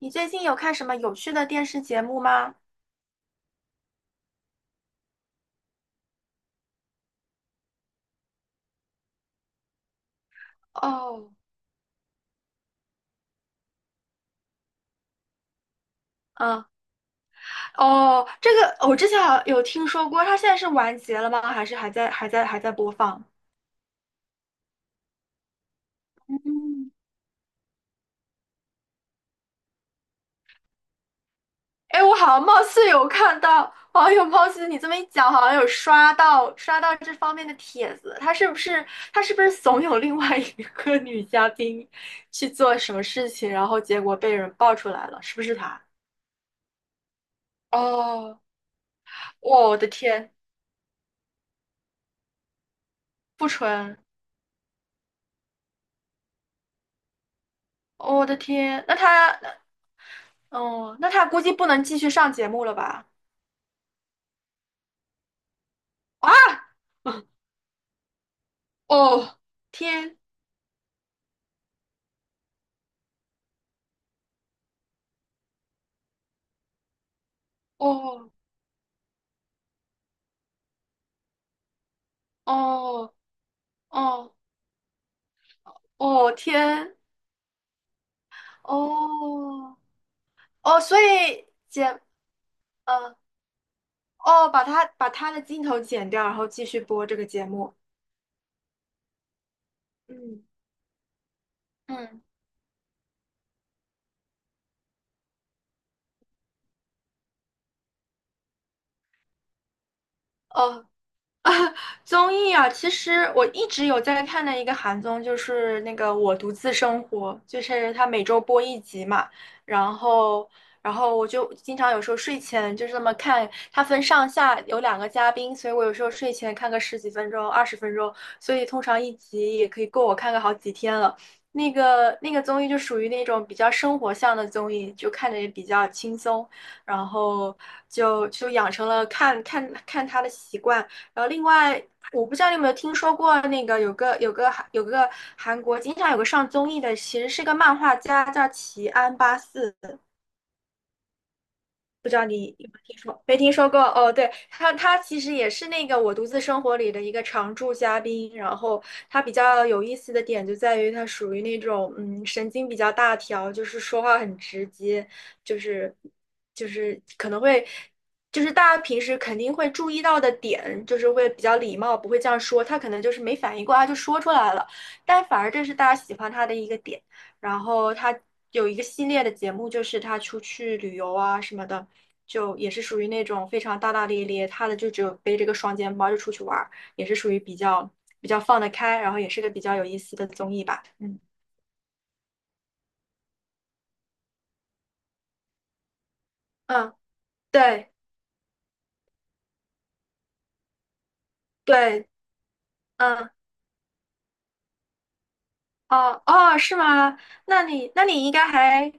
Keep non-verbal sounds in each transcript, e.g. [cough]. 你最近有看什么有趣的电视节目吗？哦，嗯，哦，这个我之前好像有听说过，它现在是完结了吗？还是还在播放？嗯，哎，我好像貌似有看到，好像有貌似你这么一讲，好像有刷到这方面的帖子。他是不是怂恿另外一个女嘉宾去做什么事情，然后结果被人爆出来了？是不是他？哦，我的天，不纯，我的天，那他哦，那他估计不能继续上节目了吧？啊，哦，天，哦，哦，哦，哦，天，哦，哦，所以剪，呃哦，把他的镜头剪掉，然后继续播这个节目。嗯，嗯，哦。综艺啊，其实我一直有在看的一个韩综，就是那个《我独自生活》，就是它每周播一集嘛，然后，我就经常有时候睡前就是这么看，它分上下有两个嘉宾，所以我有时候睡前看个十几分钟、20分钟，所以通常一集也可以够我看个好几天了。那个综艺就属于那种比较生活向的综艺，就看着也比较轻松，然后就养成了看看他的习惯。然后另外，我不知道你有没有听说过那个有个韩国经常有个上综艺的，其实是个漫画家，叫齐安八四。听说没听说过哦？对，他其实也是那个《我独自生活》里的一个常驻嘉宾。然后他比较有意思的点就在于他属于那种神经比较大条，就是说话很直接，就是就是可能会就是大家平时肯定会注意到的点，就是会比较礼貌，不会这样说。他可能就是没反应过来就说出来了，但反而这是大家喜欢他的一个点。然后他有一个系列的节目，就是他出去旅游啊什么的。就也是属于那种非常大大咧咧，他的就只有背着个双肩包就出去玩儿，也是属于比较放得开，然后也是个比较有意思的综艺吧。嗯嗯，对对，嗯哦哦，是吗？那你应该还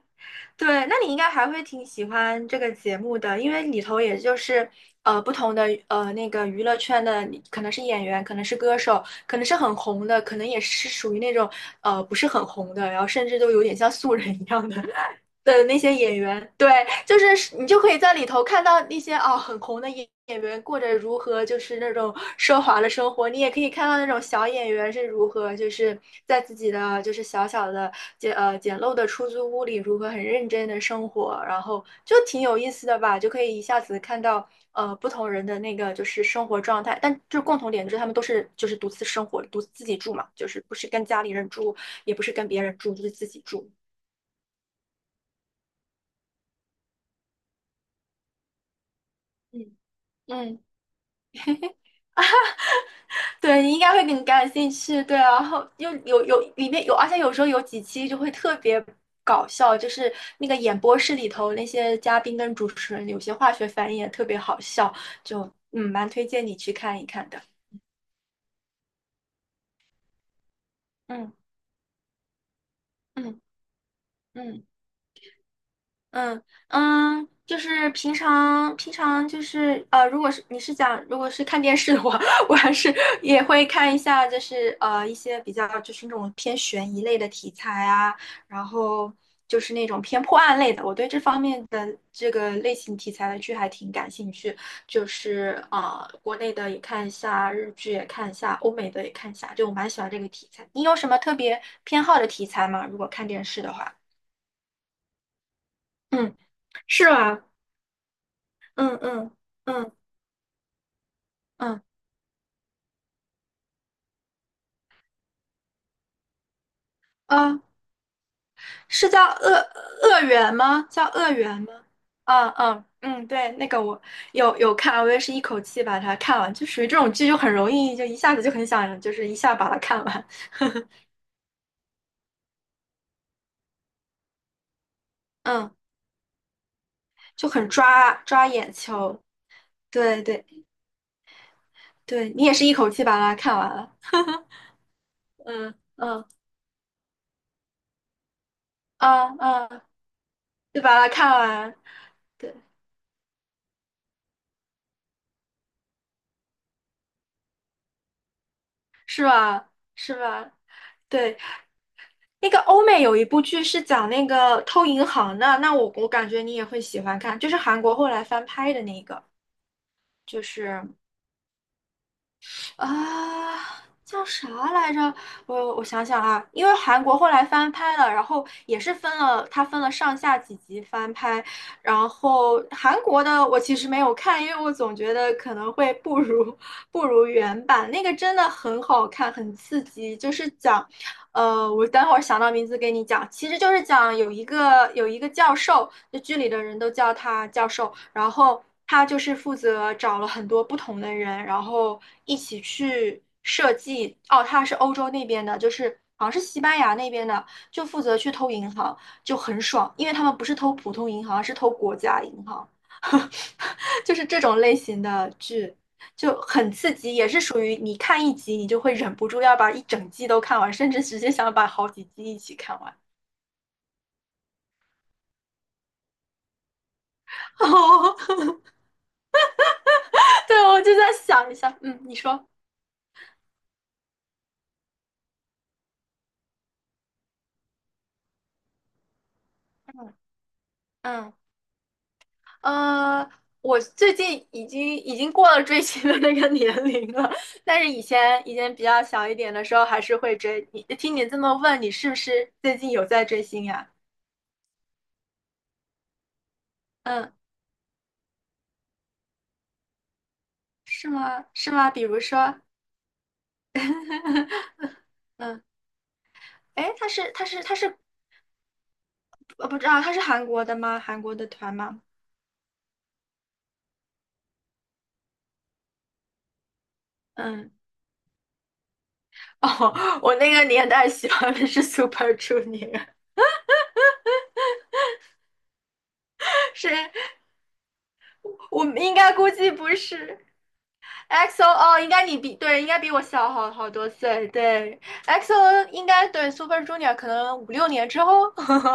对，那你应该还会挺喜欢这个节目的，因为里头也就是不同的那个娱乐圈的，可能是演员，可能是歌手，可能是很红的，可能也是属于那种不是很红的，然后甚至都有点像素人一样的那些演员，对，就是你就可以在里头看到那些哦很红的演员过着如何就是那种奢华的生活，你也可以看到那种小演员是如何就是在自己的就是小小的简陋的出租屋里如何很认真的生活，然后就挺有意思的吧，就可以一下子看到不同人的那个就是生活状态，但就是共同点就是他们都是就是独自生活，独自自己住嘛，就是不是跟家里人住，也不是跟别人住，就是自己住，嗯嗯。对，你应该会更感兴趣，对啊然后又有里面有，而且有时候有几期就会特别搞笑，就是那个演播室里头那些嘉宾跟主持人有些化学反应也特别好笑，就蛮推荐你去看一看的。嗯嗯嗯。嗯嗯，就是平常就是，如果是你是讲如果是看电视的话，[laughs] 我还是也会看一下，就是一些比较就是那种偏悬疑类的题材啊，然后就是那种偏破案类的，我对这方面的这个类型题材的剧还挺感兴趣，就是啊，国内的也看一下，日剧也看一下，欧美的也看一下，就我蛮喜欢这个题材。你有什么特别偏好的题材吗？如果看电视的话？嗯，是吗？嗯嗯嗯嗯啊，是叫恶缘吗？叫恶缘吗？啊嗯嗯，对，那个我有看啊，我也是一口气把它看完，就属于这种剧就很容易，就一下子就很想，就是一下把它看完，嗯，就很抓眼球。对对对，你也是一口气把它看完了。嗯嗯啊啊，就把它看完，对，是吧？是吧？对。那个欧美有一部剧是讲那个偷银行的，那我感觉你也会喜欢看，就是韩国后来翻拍的那个，就是啊、叫啥来着？我想想啊，因为韩国后来翻拍了，然后也是分了，它分了上下几集翻拍，然后韩国的我其实没有看，因为我总觉得可能会不如原版，那个真的很好看，很刺激，就是讲。我等会儿想到名字给你讲，其实就是讲有一个教授，就剧里的人都叫他教授，然后他就是负责找了很多不同的人，然后一起去设计。哦，他是欧洲那边的，就是好像是西班牙那边的，就负责去偷银行，就很爽，因为他们不是偷普通银行，是偷国家银行。[laughs] 就是这种类型的剧就很刺激，也是属于你看一集你就会忍不住要把一整季都看完，甚至直接想把好几季一起看完。哦，[laughs] 对，我就在想一下，嗯，你说，嗯嗯呃，我最近已经过了追星的那个年龄了，但是以前比较小一点的时候还是会追。你听你这么问，你是不是最近有在追星呀？嗯，是吗？是吗？比如说，嗯。哎，他是不知道他是韩国的吗？韩国的团吗？嗯，[laughs] 哦，我那个年代喜欢的是 Super Junior，[laughs] 是我应该估计不是 XO 哦，应该你比对，应该比我小好多岁。对，EXO 应该对 Super Junior 可能5、6年之后。[laughs]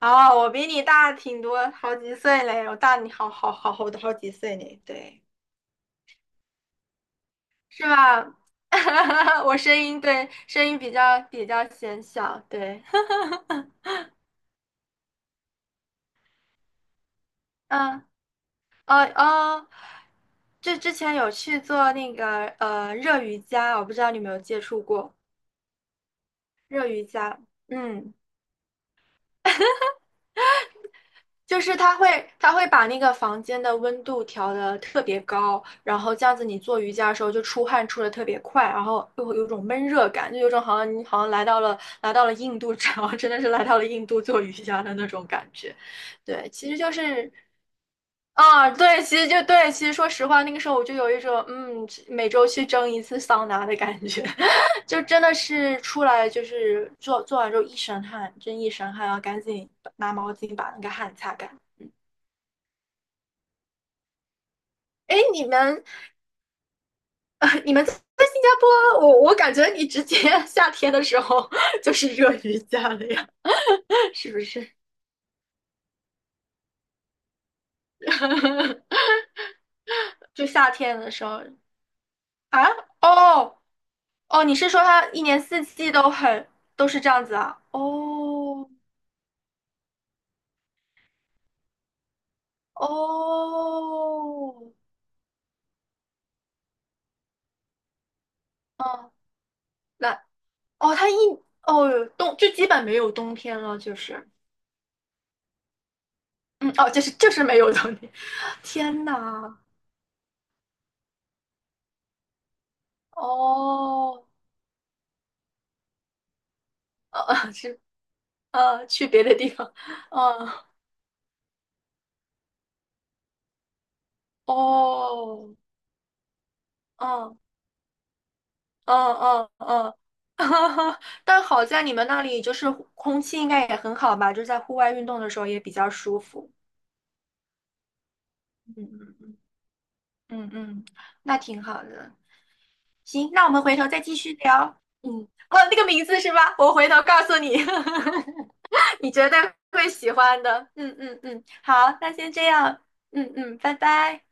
哦，我比你大挺多，好几岁嘞，我大你好几岁呢，对，是吧？[laughs] 我声音对声音比较显小，对，[laughs] 嗯。呃呃，这之前有去做那个热瑜伽，我不知道你有没有接触过热瑜伽。嗯，就是它会把那个房间的温度调的特别高，然后这样子你做瑜伽的时候就出汗出的特别快，然后又会有种闷热感，就有种好像你好像来到了印度，[laughs] 然后真的是来到了印度做瑜伽的那种感觉。对，其实就是。啊，对，其实就对，其实说实话，那个时候我就有一种，嗯，每周去蒸一次桑拿的感觉，[laughs] 就真的是出来就是做完之后一身汗，真一身汗，然后赶紧拿毛巾把那个汗擦干。哎，你们在新加坡，我感觉你直接 [laughs] 夏天的时候就是热瑜伽了呀，[laughs] 是不是？就夏天的时候啊，哦哦，你是说它一年四季都是这样子啊？哦。哦，嗯，那哦，它一哦冬就基本没有冬天了，就是，嗯，哦，就是没有冬天，[laughs] 天呐，哦，是，去别的地方，嗯，哦，嗯嗯嗯嗯，[laughs] 但好在你们那里就是空气应该也很好吧，就在户外运动的时候也比较舒服，嗯嗯嗯嗯嗯，嗯那挺好的，行，那我们回头再继续聊。嗯，哦，那个名字是吧？我回头告诉你，[laughs] 你绝对会喜欢的。嗯嗯嗯，好，那先这样。嗯嗯，拜拜。